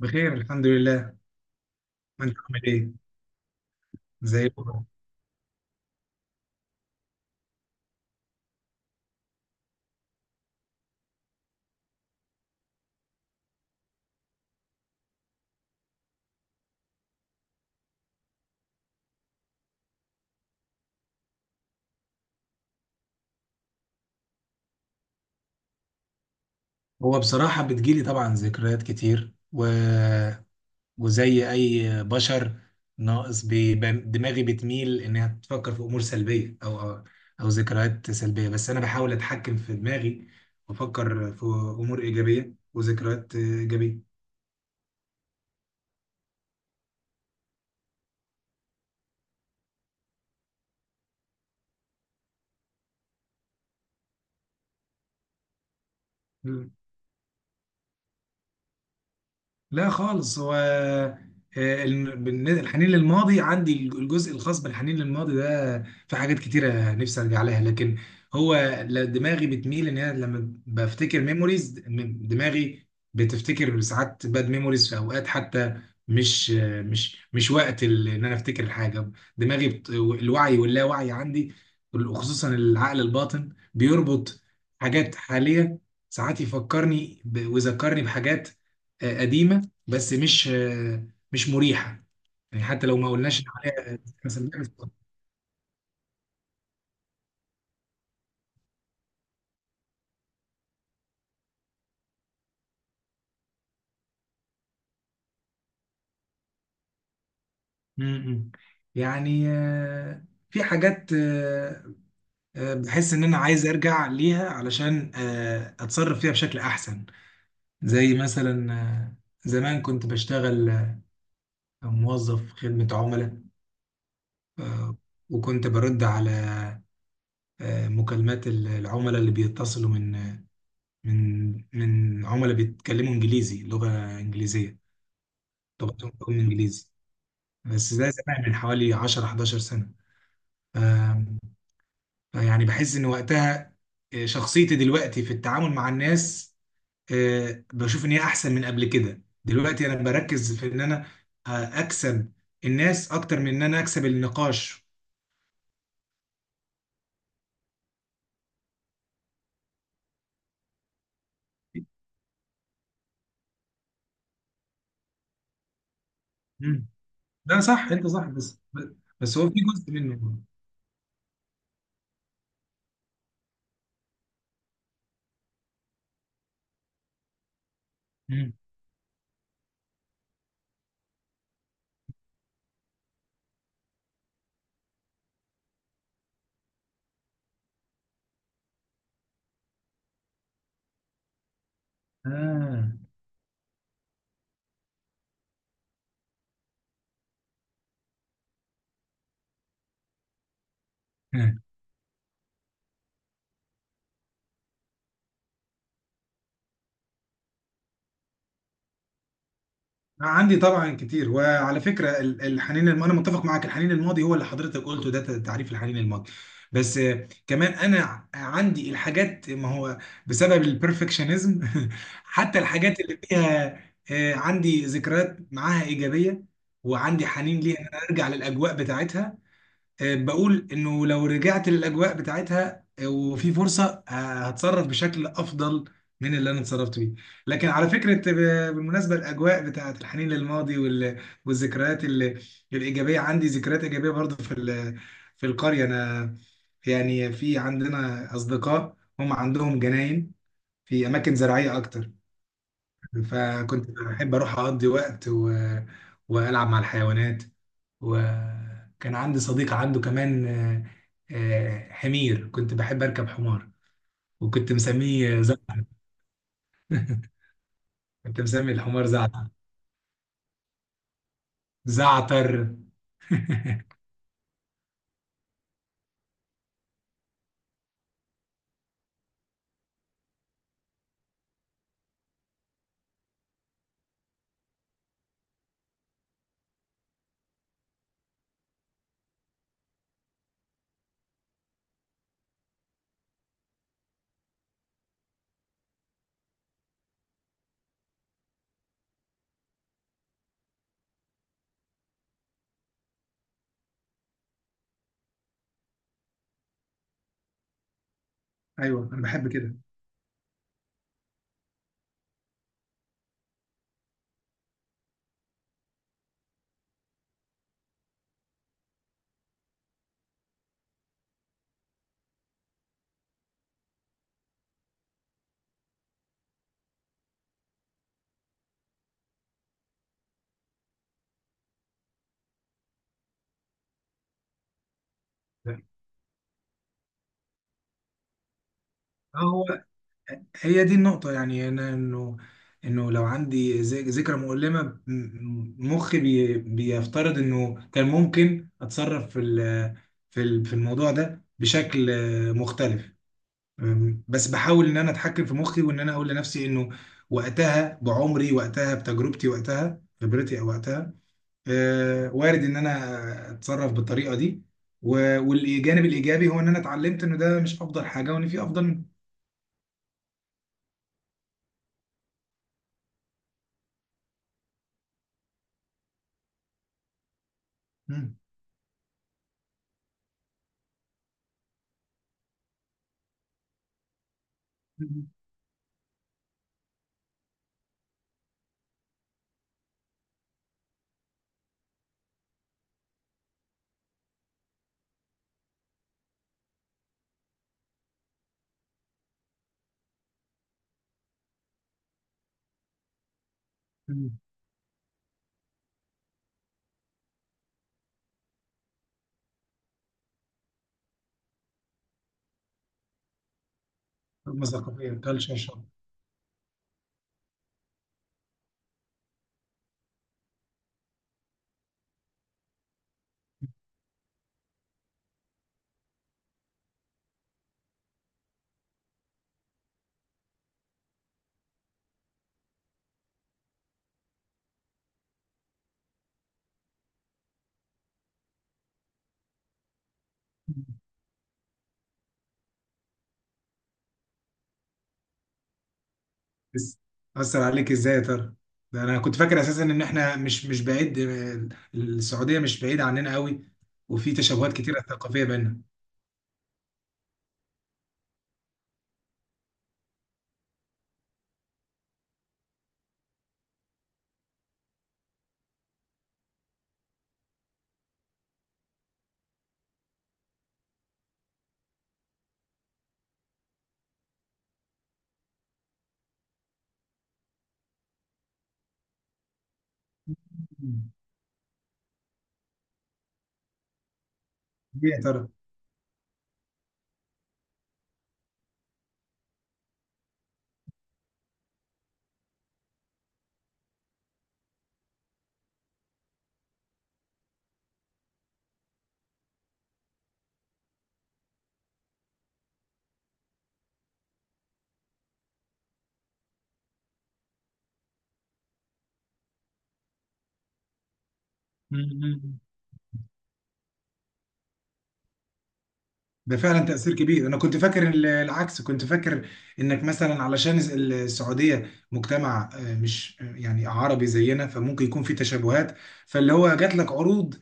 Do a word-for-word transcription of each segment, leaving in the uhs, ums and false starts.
بخير الحمد لله. انت عامل ايه؟ زي الفل. هو بصراحة بتجيلي طبعا ذكريات كتير، و... وزي اي بشر. ناقص بي... ب- دماغي بتميل انها تفكر في امور سلبية او او أو ذكريات سلبية، بس انا بحاول اتحكم في دماغي وافكر في امور ايجابية وذكريات ايجابية. لا خالص. هو آه، ال- بالن- الحنين للماضي عندي، الجزء الخاص بالحنين للماضي ده في حاجات كتيرة نفسي ارجع لها، لكن هو ل- دماغي بتميل ان انا لما بفتكر ميموريز، دماغي بتفتكر ساعات باد ميموريز في اوقات، حتى مش آه، مش مش وقت ال- ان انا افتكر الحاجة. دماغي بت... الوعي واللاوعي عندي، خصوصا العقل الباطن، بيربط حاجات حالية. ساعات يفكرني ب... ويذكرني بحاجات آه، قديمة، بس مش آه، مش مريحه. يعني حتى لو ما قلناش إن عليها مسميات. بس- م-م. يعني آه، في حاجات آه، آه، بحس ان انا عايز ارجع ليها علشان آه، اتصرف فيها بشكل احسن. زي مثلا آه، زمان كنت بشتغل آه، موظف خدمة عملاء. آه، وكنت برد على آه، مكالمات ال- العملاء اللي بيتصلوا من من من عملاء بيتكلموا انجليزي، لغة انجليزية. طبعا لغة انجليزي. بس ده زمان من حوالي عشرة احداشر سنة. آم، يعني بحس ان وقتها آه، شخصيتي دلوقتي في التعامل مع الناس، آه، بشوف ان هي احسن من قبل كده. دلوقتي انا بركز في ان انا آه، اكسب الناس اكتر من ان انا اكسب النقاش. مم. ده صح، انت صح، بس بس هو في جزء منه. مم. آه. عندي طبعا كتير، وعلى فكره ال- الحنين الم... انا متفق معاك. الحنين الماضي هو اللي حضرتك قلته ده ت- تعريف الحنين الماضي. بس آه، كمان انا ع- عندي الحاجات، ما هو بسبب البرفكشنزم. حتى الحاجات اللي فيها آه، عندي ذكريات معاها ايجابيه وعندي حنين ليها ان انا ارجع للاجواء بتاعتها. آه، بقول انه لو رجعت للاجواء بتاعتها آه، وفي فرصه، آه، هتصرف بشكل افضل من اللي انا اتصرفت بيه. لكن على فكره، آه، بالمناسبه الاجواء بتاعت الحنين للماضي وال- والذكريات ال- الايجابيه، عندي ذكريات ايجابيه برضه في ال- في القريه. انا يعني في عندنا اصدقاء هم عندهم جناين في اماكن زراعيه اكتر. فكنت بحب اروح اقضي وقت و... والعب مع الحيوانات. وكان عندي صديق عنده كمان آه، آه، حمير، كنت بحب اركب حمار، وكنت مسميه زعتر. كنت مسمي الحمار زعتر. زعتر. ايوه انا بحب كده. هو هي دي النقطة. يعني أنا إنه إنه لو عندي ذ- ذكرى مؤلمة، م- م- مخي بي بيفترض إنه كان ممكن أتصرف في ال- في ال- في الموضوع ده بشكل آه، مختلف. أم، بس بحاول إن أنا أتحكم في مخي، وإن أنا أقول لنفسي إنه وقتها بعمري، وقتها بتجربتي، وقتها خبرتي، أو وقتها آه، وارد إن أنا أتصرف بالطريقة دي. و- والجانب الإيجابي هو إن أنا اتعلمت إنه ده مش أفضل حاجة، وإن في أفضل منه. مم. صدمة ثقافية، كالتشر شوك. بس أثر عليك إزاي يا ترى؟ ده أنا كنت فاكر أساسا إن إحنا مش مش بعيد، السعودية مش بعيدة عننا قوي، وفي تشابهات كتيرة ثقافية بيننا. إيه يا ترى؟ ده فعلا تأثير كبير. أنا كنت فاكر ال- العكس، كنت فاكر إنك مثلا علشان الس- السعودية مجتمع آه، مش آه، يعني عربي زينا، فممكن يكون في تشابهات، فاللي هو جات لك عروض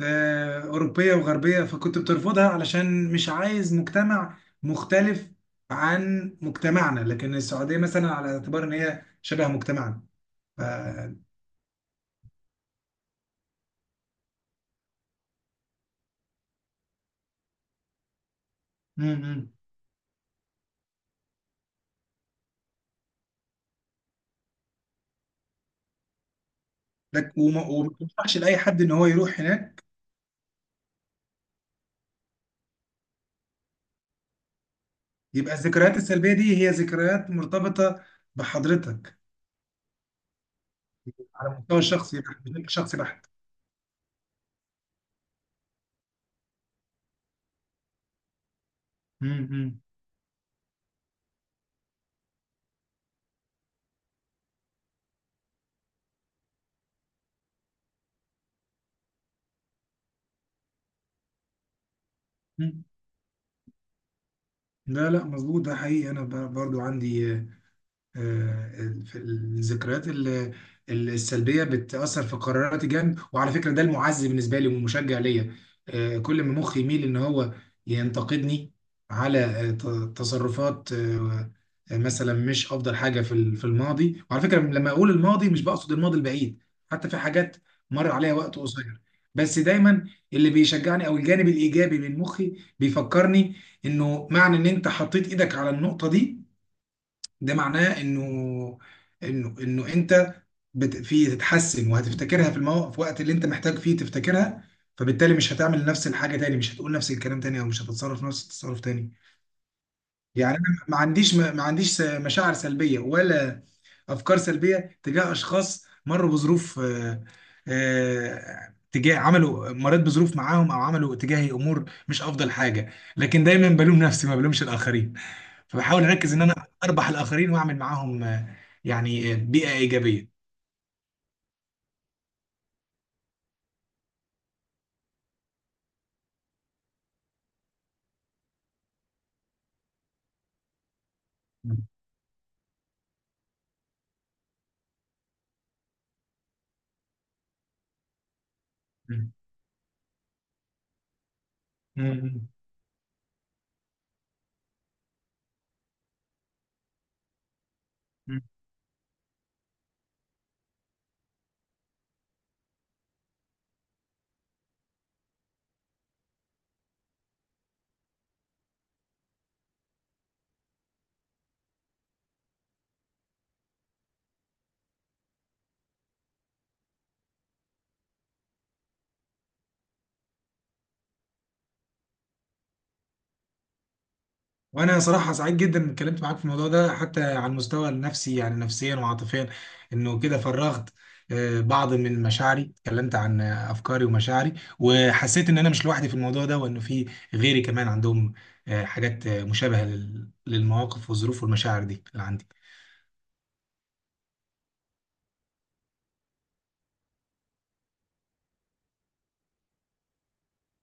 آه، أوروبية وغربية فكنت بترفضها علشان مش عايز مجتمع مختلف عن مجتمعنا، لكن السعودية مثلا على اعتبار إن هي شبه مجتمعنا ف... م- م. لك- وما وما بنصحش لأي حد إن هو يروح هناك. يبقى الذكريات السلبية دي هي ذكريات مرتبطة بحضرتك على المستوى الشخصي بحت، مش شخصي بحت. مم، مم، مم. لا لا، مظبوط، ده حقيقي. انا ب- برضو عندي آه، في الذكريات ال- السلبيه بتاثر في قراراتي جامد. وعلى فكره ده المعزي بالنسبه لي والمشجع ليا. آه، كل ما مخي يميل ان هو ينتقدني على آه، ت- تصرفات آه، آه، مثلا مش افضل حاجه في ال- في الماضي. وعلى فكره لما اقول الماضي مش بقصد الماضي البعيد، حتى في حاجات مر عليها وقت قصير. بس دايما اللي بيشجعني او الجانب الايجابي من مخي بيفكرني انه معنى ان انت حطيت ايدك على النقطه دي، ده معناه انه انه انه انت بت... في تتحسن، وهتفتكرها في المو... في وقت اللي انت محتاج فيه تفتكرها، فبالتالي مش هتعمل نفس الحاجه تاني، مش هتقول نفس الكلام تاني، او مش هتتصرف نفس التصرف تاني. يعني انا ما عنديش ما, ما عنديش س- مشاعر سلبيه ولا افكار سلبيه تجاه اشخاص مروا بظروف آه، آه، تجاه عملوا مريت بظروف معاهم او عملوا تجاهي امور مش افضل حاجه، لكن دايما بلوم نفسي ما بلومش الاخرين. فبحاول اركز ان انا اربح الاخرين واعمل معاهم آه، يعني آه، بيئه ايجابيه. مم. مم. مم. وانا صراحه سعيد جدا إني اتكلمت معاك في الموضوع ده، حتى على المستوى النفسي يعني، نفسيا وعاطفيا، انه كده فرغت آه، بعض من مشاعري، اتكلمت عن آه، افكاري ومشاعري، وحسيت ان انا مش لوحدي في الموضوع ده، وانه في غيري كمان عندهم آه، حاجات آه، مشابهه لل- للمواقف والظروف والمشاعر دي اللي عندي.